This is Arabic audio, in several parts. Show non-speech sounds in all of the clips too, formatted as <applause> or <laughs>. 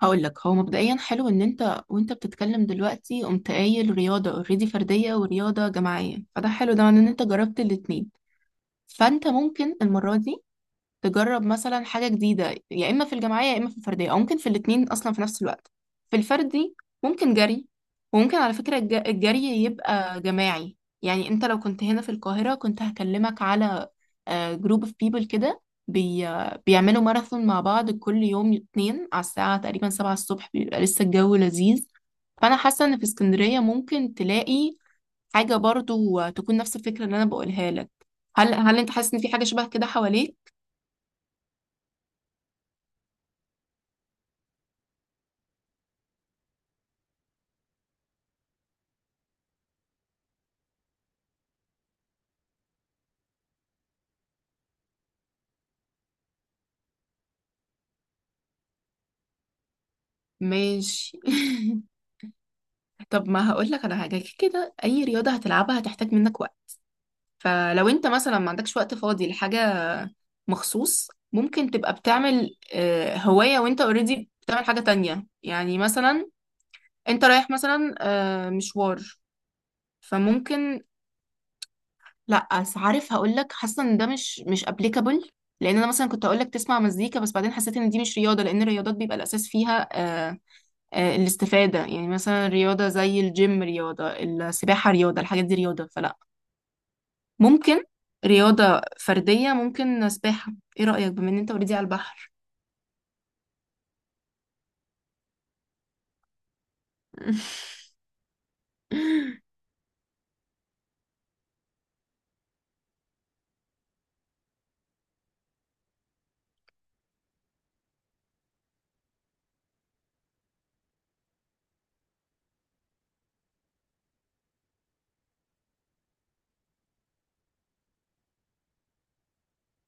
هقول لك هو مبدئيا حلو ان انت وانت بتتكلم دلوقتي قمت قايل رياضه اوريدي فرديه ورياضه جماعيه، فده حلو. ده معناه ان انت جربت الاتنين. فانت ممكن المره دي تجرب مثلا حاجة جديدة، يا إما في الجماعية يا إما في الفردية، أو ممكن في الاتنين أصلا في نفس الوقت. في الفردي ممكن جري. وممكن على فكرة الجري يبقى جماعي. يعني أنت لو كنت هنا في القاهرة كنت هكلمك على جروب اوف بيبل كده، بي بيعملوا ماراثون مع بعض كل يوم اتنين على الساعة تقريبا سبعة الصبح، بيبقى لسه الجو لذيذ. فأنا حاسة إن في اسكندرية ممكن تلاقي حاجة برضو تكون نفس الفكرة اللي أنا بقولها لك. هل أنت حاسس إن في حاجة شبه كده حواليك؟ ماشي. <laughs> طب ما هقول لك على حاجه كده. اي رياضه هتلعبها هتحتاج منك وقت. فلو انت مثلا ما عندكش وقت فاضي لحاجه مخصوص، ممكن تبقى بتعمل هوايه وانت اوريدي بتعمل حاجه تانية. يعني مثلا انت رايح مثلا مشوار، فممكن. لا بس عارف، هقول لك، حاسه ان ده مش ابليكابل. لان انا مثلا كنت هقول لك تسمع مزيكا، بس بعدين حسيت ان دي مش رياضه. لان الرياضات بيبقى الاساس فيها الاستفادة. يعني مثلا رياضة زي الجيم، رياضة السباحة، رياضة الحاجات دي رياضة. فلا، ممكن رياضة فردية، ممكن سباحة. ايه رأيك بما ان انت اوريدي على البحر؟ <laughs>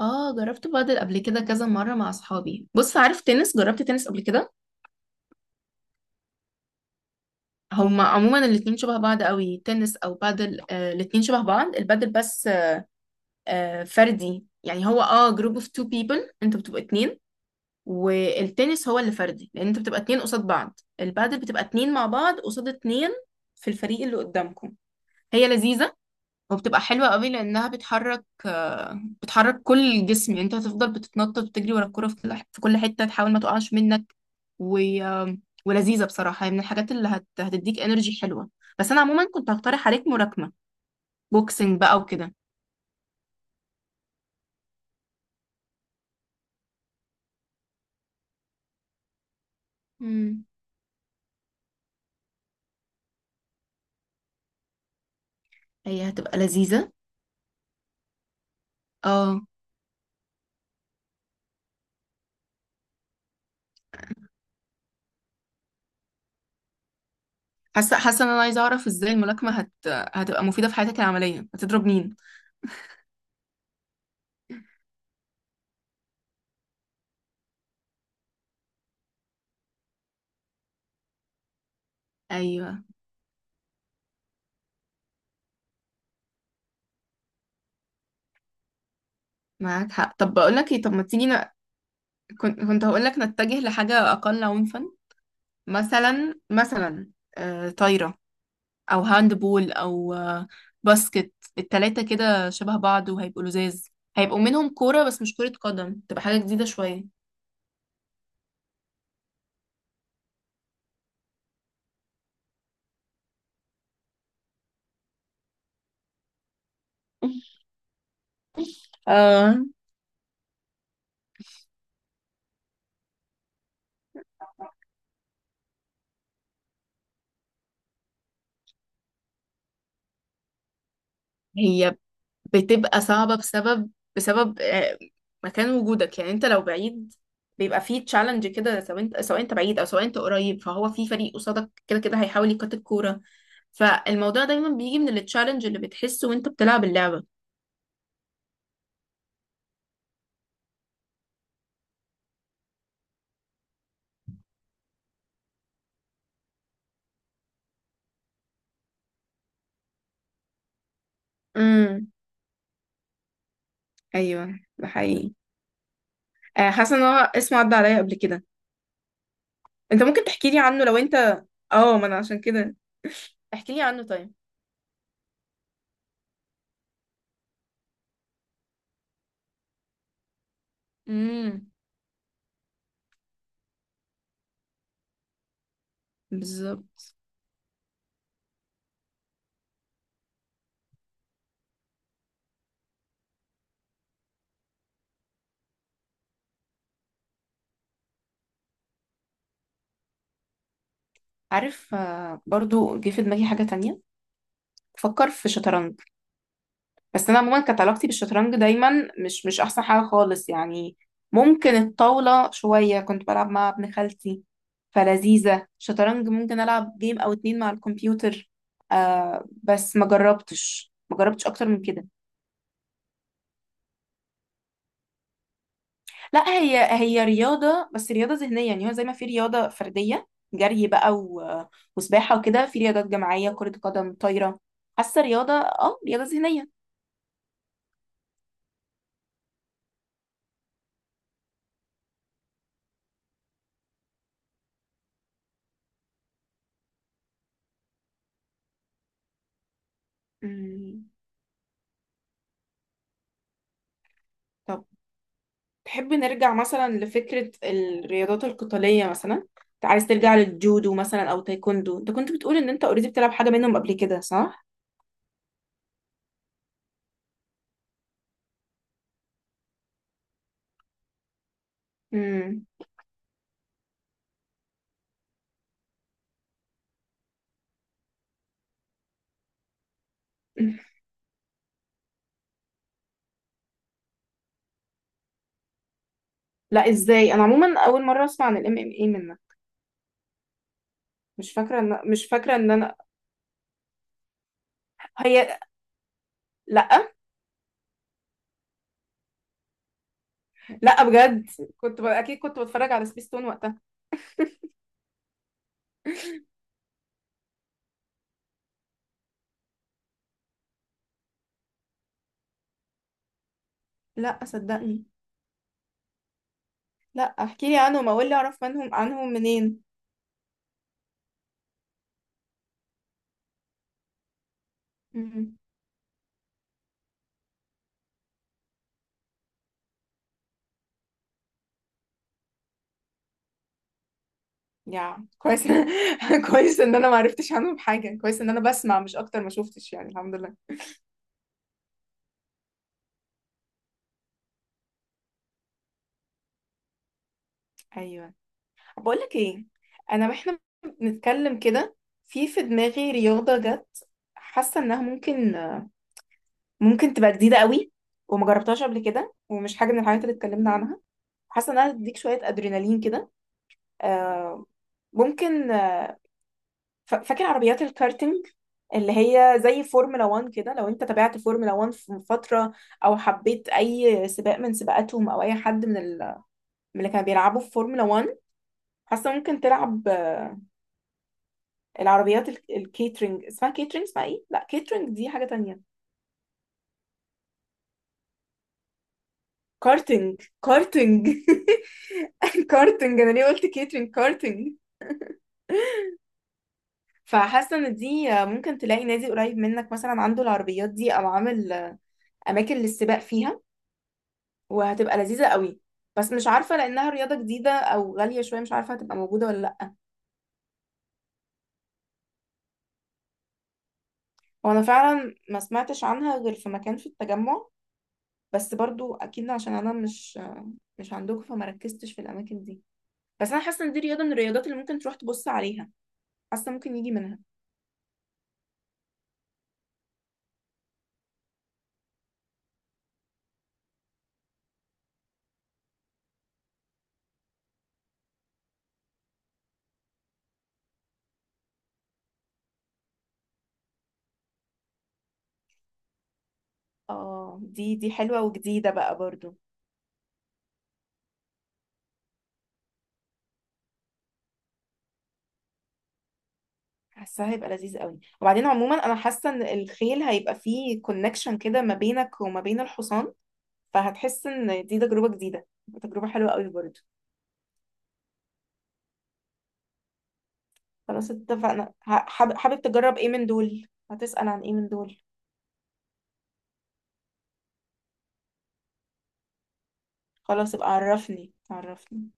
اه، جربت بادل قبل كده كذا مرة مع اصحابي. بص، عارف تنس؟ جربت تنس قبل كده. هما عموما الاتنين شبه بعض قوي، تنس او بادل. آه الاتنين شبه بعض، البادل بس فردي. يعني هو جروب اوف تو بيبل، انتوا بتبقوا اتنين. والتنس هو اللي فردي لان انت بتبقى اتنين قصاد بعض. البادل بتبقى اتنين مع بعض قصاد اتنين في الفريق اللي قدامكم. هي لذيذة وبتبقى حلوة قوي لانها بتحرك، بتحرك كل الجسم. يعني انت هتفضل بتتنطط وتجري ورا الكرة في كل حتة تحاول ما تقعش منك. و... آه، ولذيذة بصراحة. هي من الحاجات اللي هتديك انرجي حلوة. بس انا عموما كنت هقترح عليك ملاكمة، بوكسنج بقى وكده. مم. هي هتبقى لذيذة. اه، حاسه ان انا عايزه اعرف ازاي الملاكمه هتبقى مفيده في حياتك العمليه؟ هتضرب مين؟ ايوه، معاك حق. طب بقول لك ايه، طب ما تيجي كنت هقول لك نتجه لحاجه اقل عنفا. مثلا طايره، او هاند بول، او باسكت. التلاته كده شبه بعض وهيبقوا لزاز. هيبقوا منهم كوره بس مش كره قدم، تبقى حاجه جديده شويه. <laughs> آه... هي بتبقى صعبة بسبب، بسبب مكان وجودك. يعني انت لو بعيد بيبقى فيه تشالنج كده، سواء انت سواء انت بعيد او سواء انت قريب، فهو في فريق قصادك كده كده هيحاول يقاط الكورة. فالموضوع دايما بيجي من التشالنج اللي بتحسه وانت بتلعب اللعبة. امم. ايوه ده حقيقي. حاسة ان هو اسمه عدى عليا قبل كده. انت ممكن تحكي لي عنه لو انت، اه، ما انا عشان كده. احكي لي عنه طيب. امم. بالظبط. عارف، برضو جه في دماغي حاجة تانية. فكر في شطرنج. بس انا عموما كانت علاقتي بالشطرنج دايما مش احسن حاجه خالص. يعني ممكن الطاوله شويه كنت بلعب مع ابن خالتي، فلذيذه. شطرنج ممكن العب جيم او اتنين مع الكمبيوتر. آه بس ما جربتش اكتر من كده. لا هي، هي رياضه بس رياضه ذهنيه. يعني هو زي ما في رياضه فرديه جري بقى وسباحه وكده، في رياضات جماعيه كره قدم طايره. حاسه رياضه، اه رياضه ذهنيه. مم. طب، تحب نرجع مثلا لفكرة الرياضات القتالية؟ مثلا انت عايز ترجع للجودو مثلا او تايكوندو؟ انت كنت بتقول ان انت اوريدي بتلعب حاجة منهم قبل كده، صح؟ امم. <laughs> لا ازاي! انا عموما اول مرة اسمع عن الام ام اي منك. مش فاكرة ان انا هي. لا. لا بجد، كنت اكيد كنت بتفرج على سبيستون وقتها. <laughs> لا صدقني. لا احكي لي عنهم، اقول لي اعرف منهم، عنهم منين. يا كويس. <laughs> كويس ان انا ما عرفتش عنهم حاجه، كويس ان انا بسمع مش اكتر، ما شفتش يعني. الحمد لله. ايوه. بقول لك ايه، انا واحنا بنتكلم كده في دماغي رياضه جت، حاسه انها ممكن، ممكن تبقى جديده قوي، وما جربتهاش قبل كده، ومش حاجه من الحاجات اللي اتكلمنا عنها. حاسه انها تديك شويه ادرينالين كده. آه، ممكن، فاكر عربيات الكارتينج اللي هي زي فورمولا 1 كده؟ لو انت تابعت فورمولا 1 في فترة، او حبيت اي سباق من سباقاتهم، او اي حد من من اللي كانوا بيلعبوا في فورمولا 1، حاسة ممكن تلعب العربيات الكيترينج. اسمها كيترينج، اسمها ايه؟ لا كيترينج دي حاجة تانية. كارتينج، كارتينج. <laughs> كارتينج، انا ليه قلت كيترينج؟ كارتينج. فحاسه ان دي ممكن تلاقي نادي قريب منك مثلا عنده العربيات دي، او عامل اماكن للسباق فيها. وهتبقى لذيذة قوي. بس مش عارفة، لأنها رياضة جديدة أو غالية شوية، مش عارفة هتبقى موجودة ولا لأ. وأنا فعلا ما سمعتش عنها غير في مكان في التجمع. بس برضو أكيد عشان أنا مش عندكم، فما ركزتش في الأماكن دي. بس أنا حاسة إن دي رياضة من الرياضات اللي ممكن تروح تبص عليها، حاسة ممكن يجي منها. اه، دي حلوة وجديدة بقى برضو. حاسة هيبقى لذيذ قوي. وبعدين عموما أنا حاسة إن الخيل هيبقى فيه كونكشن كده ما بينك وما بين الحصان، فهتحس إن دي تجربة جديدة، تجربة حلوة قوي برضو. خلاص، اتفقنا. حابب تجرب ايه من دول؟ هتسأل عن ايه من دول؟ خلاص يبقى عرفني، عرفني.